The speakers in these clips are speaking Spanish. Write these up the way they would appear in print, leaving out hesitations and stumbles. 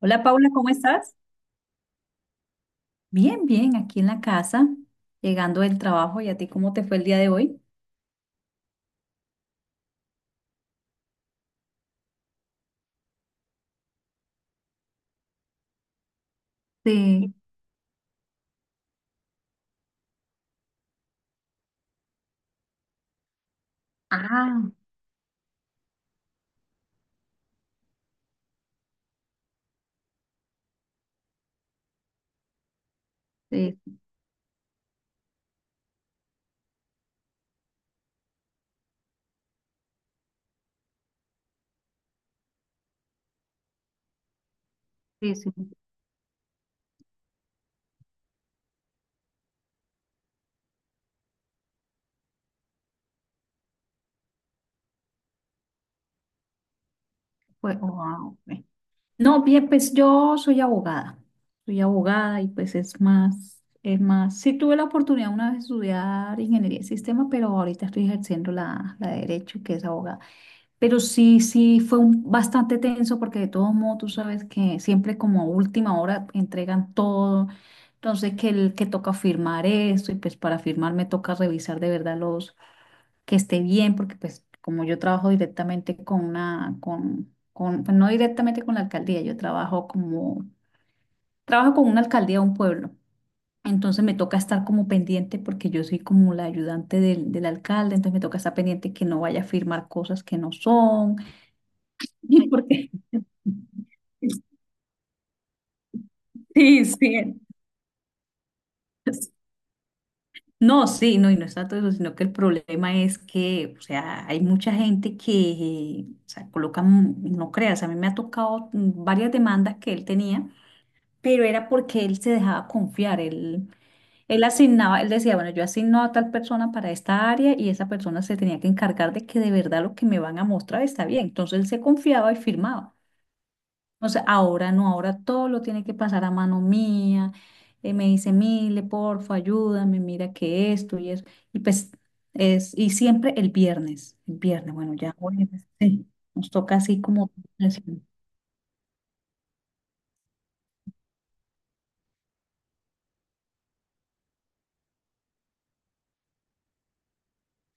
Hola Paula, ¿cómo estás? Bien, bien, aquí en la casa, llegando del trabajo. ¿Y a ti cómo te fue el día de hoy? Sí, ah, sí, sí, sí, fue, wow, ok. No, bien, pues yo soy abogada. Soy abogada y pues es más, es más. Sí tuve la oportunidad una vez de estudiar ingeniería de sistema, pero ahorita estoy ejerciendo la de derecho, que es abogada. Pero sí, sí, bastante tenso porque de todos modos tú sabes que siempre como a última hora entregan todo. Entonces que el que toca firmar esto y pues para firmar me toca revisar de verdad los que esté bien porque pues como yo trabajo directamente con pues no directamente con la alcaldía, trabajo con una alcaldía de un pueblo. Entonces me toca estar como pendiente porque yo soy como la ayudante del alcalde, entonces me toca estar pendiente que no vaya a firmar cosas que no son. Porque sí, sí. No, sí, no, y no está todo eso, sino que el problema es que, o sea, hay mucha gente que, o sea, colocan, no creas, a mí me ha tocado varias demandas que él tenía, pero era porque él se dejaba confiar, él asignaba, él decía, bueno, yo asigno a tal persona para esta área y esa persona se tenía que encargar de que de verdad lo que me van a mostrar está bien, entonces él se confiaba y firmaba. O sea, ahora no, ahora todo lo tiene que pasar a mano mía. Me dice, Mile, porfa, ayúdame, mira que esto y eso. Y pues es, y siempre el viernes, bueno, ya, jueves, sí, nos toca así como...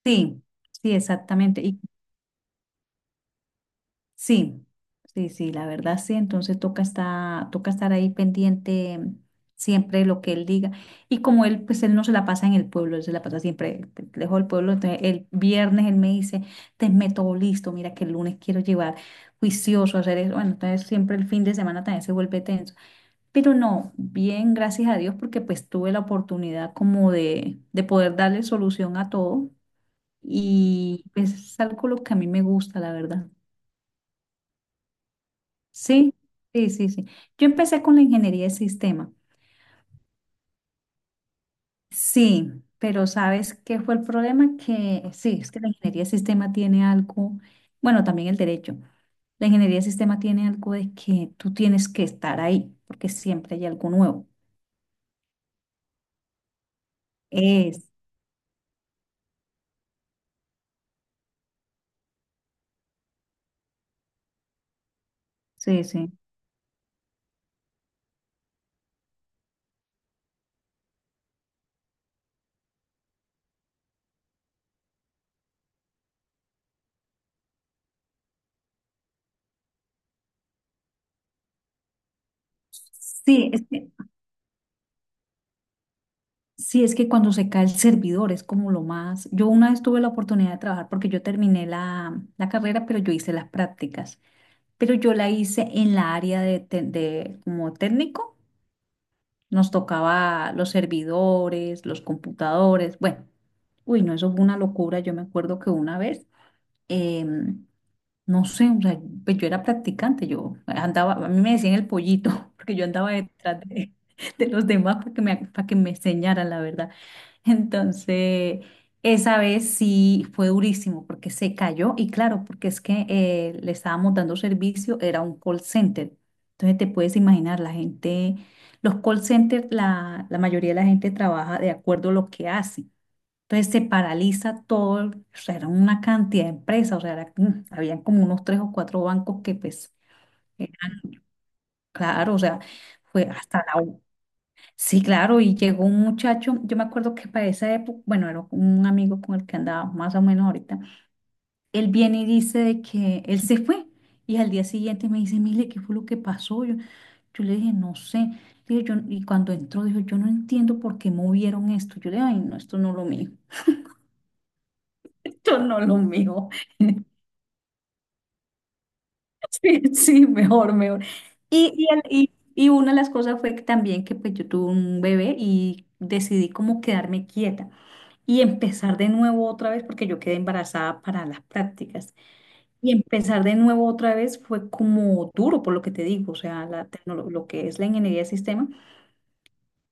Sí, sí, exactamente. Sí, sí, sí, la verdad sí, entonces toca estar ahí pendiente siempre de lo que él diga. Y como él, pues él no se la pasa en el pueblo, él se la pasa siempre lejos del pueblo, entonces el viernes él me dice, te meto listo, mira que el lunes quiero llevar juicioso a hacer eso. Bueno, entonces siempre el fin de semana también se vuelve tenso. Pero no, bien, gracias a Dios, porque pues tuve la oportunidad como de poder darle solución a todo y pues es algo lo que a mí me gusta, la verdad. Sí, sí, sí, sí. Yo empecé con la ingeniería de sistema. Sí, pero ¿sabes qué fue el problema? Que sí, es que la ingeniería de sistema tiene algo, bueno, también el derecho. La ingeniería de sistema tiene algo de que tú tienes que estar ahí, porque siempre hay algo nuevo. Es, sí, sí. Sí, es que, sí, es que cuando se cae el servidor es como lo más. Yo una vez tuve la oportunidad de trabajar porque yo terminé la carrera, pero yo hice las prácticas. Pero yo la hice en la área de como técnico. Nos tocaba los servidores, los computadores, bueno, uy, no, eso fue una locura. Yo me acuerdo que una vez em, no sé, o sea, pues yo era practicante, yo andaba, a mí me decían el pollito, porque yo andaba detrás de, de los demás para que me enseñaran, la verdad. Entonces, esa vez sí fue durísimo, porque se cayó, y claro, porque es que le estábamos dando servicio, era un call center. Entonces, te puedes imaginar, la gente, los call centers, la mayoría de la gente trabaja de acuerdo a lo que hace. Entonces se paraliza todo, o sea, era una cantidad de empresas, o sea, habían como unos tres o cuatro bancos que pues, eran, claro, o sea, fue hasta la... u- Sí, claro, y llegó un muchacho, yo me acuerdo que para esa época, bueno, era un amigo con el que andaba más o menos ahorita, él viene y dice de que él se fue y al día siguiente me dice, mire, ¿qué fue lo que pasó? Yo le dije, no sé. Dije, yo, y cuando entró, dijo, yo no entiendo por qué movieron esto. Yo le dije, ay, no, esto no es lo mío, esto no es lo mío. Sí, sí, mejor, mejor. Y una de las cosas fue que también que pues yo tuve un bebé y decidí como quedarme quieta y empezar de nuevo otra vez porque yo quedé embarazada para las prácticas. Y empezar de nuevo otra vez fue como duro, por lo que te digo, o sea, lo que es la ingeniería de sistema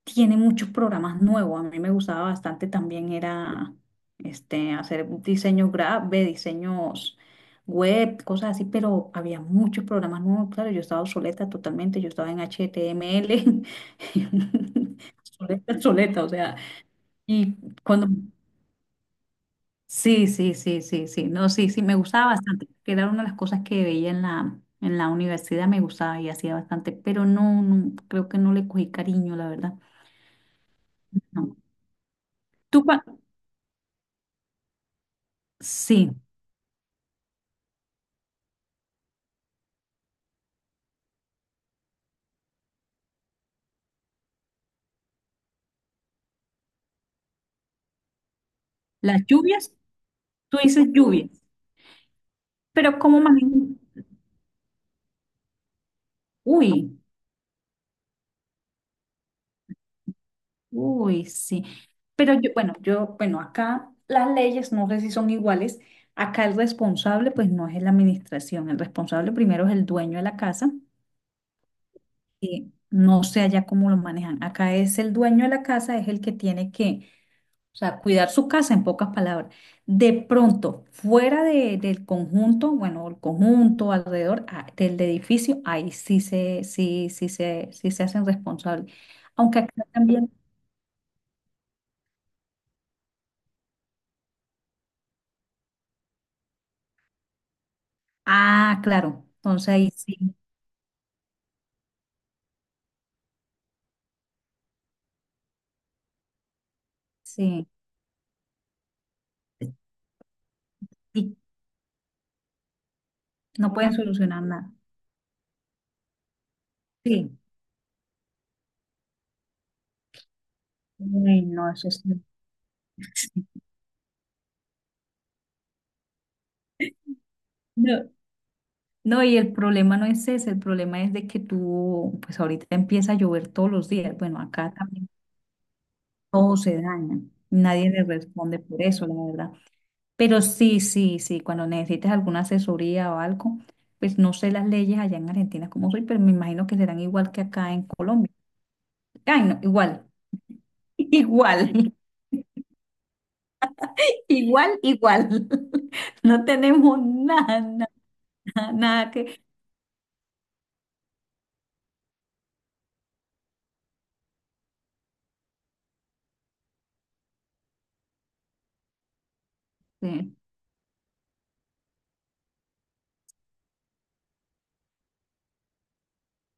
tiene muchos programas nuevos. A mí me gustaba bastante también era este, hacer diseños graves, diseños web, cosas así, pero había muchos programas nuevos. Claro, yo estaba obsoleta totalmente, yo estaba en HTML, obsoleta, obsoleta, o sea, y cuando... Sí, sí, sí, sí, sí, no, sí, sí, me gustaba bastante, que era una de las cosas que veía en en la universidad, me gustaba y hacía bastante, pero no, no, creo que no le cogí cariño, la verdad. No. ¿Tú, cua- Sí, las lluvias, tú dices lluvias, pero ¿cómo manejan? Uy, uy, sí. Pero yo, bueno, yo, bueno, acá las leyes, no sé si son iguales. Acá el responsable, pues no es la administración. El responsable primero es el dueño de la casa. Y no sé allá cómo lo manejan. Acá es el dueño de la casa, es el que tiene que, o sea, cuidar su casa en pocas palabras. De pronto, del conjunto, bueno, el conjunto alrededor del edificio, ahí sí se hacen responsables. Aunque acá también, ah, claro, entonces ahí sí, sí, sí, no pueden solucionar nada. Sí, uy, no, eso sí. No, no, y el problema no es ese, el problema es de que tú, pues ahorita empieza a llover todos los días. Bueno, acá también todo se daña. Nadie le responde por eso, la verdad. Pero sí, sí, sí, cuando necesites alguna asesoría o algo, pues no sé las leyes allá en Argentina como soy, pero me imagino que serán igual que acá en Colombia. Ay, no, igual, igual, igual, igual. No tenemos nada, nada, nada que... Sí,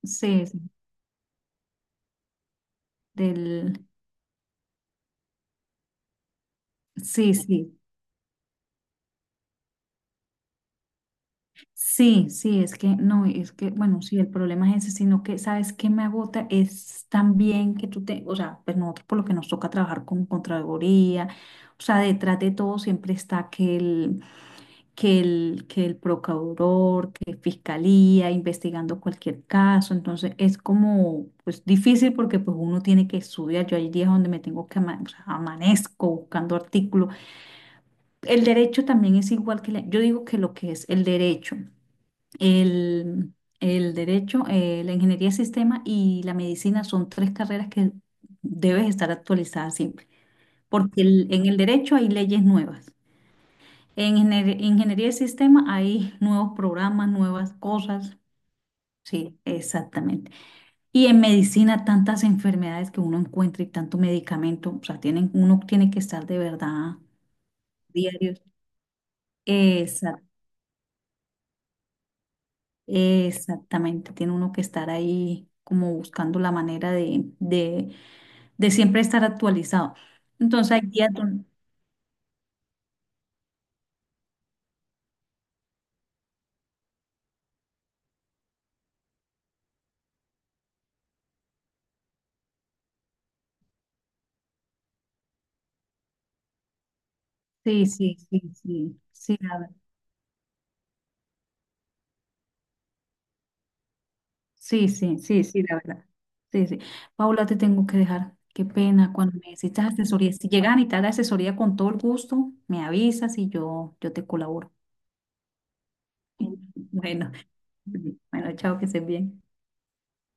sí, sí, del... Sí, sí. Sí, sí, es que no, es que, bueno, sí, el problema es ese, sino que, ¿sabes qué me agota? Es también que tú te, o sea, pues nosotros por lo que nos toca trabajar con Contraloría, o sea, detrás de todo siempre está que el procurador, que fiscalía, investigando cualquier caso, entonces es como, pues difícil porque pues uno tiene que estudiar, yo hay días donde me tengo que, o sea, amanezco buscando artículos. El derecho también es igual que, yo digo que lo que es el derecho. El, el derecho, la ingeniería de sistema y la medicina son tres carreras que debes estar actualizada siempre, porque en el derecho hay leyes nuevas. En ingeniería de sistema hay nuevos programas, nuevas cosas. Sí, exactamente. Y en medicina tantas enfermedades que uno encuentra y tanto medicamento, o sea, tienen, uno tiene que estar de verdad diarios. Exacto. Exactamente, tiene uno que estar ahí como buscando la manera de siempre estar actualizado. Entonces hay días donde... Sí, sí, sí, sí, sí, la verdad. Sí, sí, sí, sí, la verdad. Sí, sí. Paula, te tengo que dejar. Qué pena cuando necesitas asesoría. Si llegas a necesitar asesoría con todo el gusto, me avisas y yo te colaboro. Bueno, bueno, chao, que estés bien.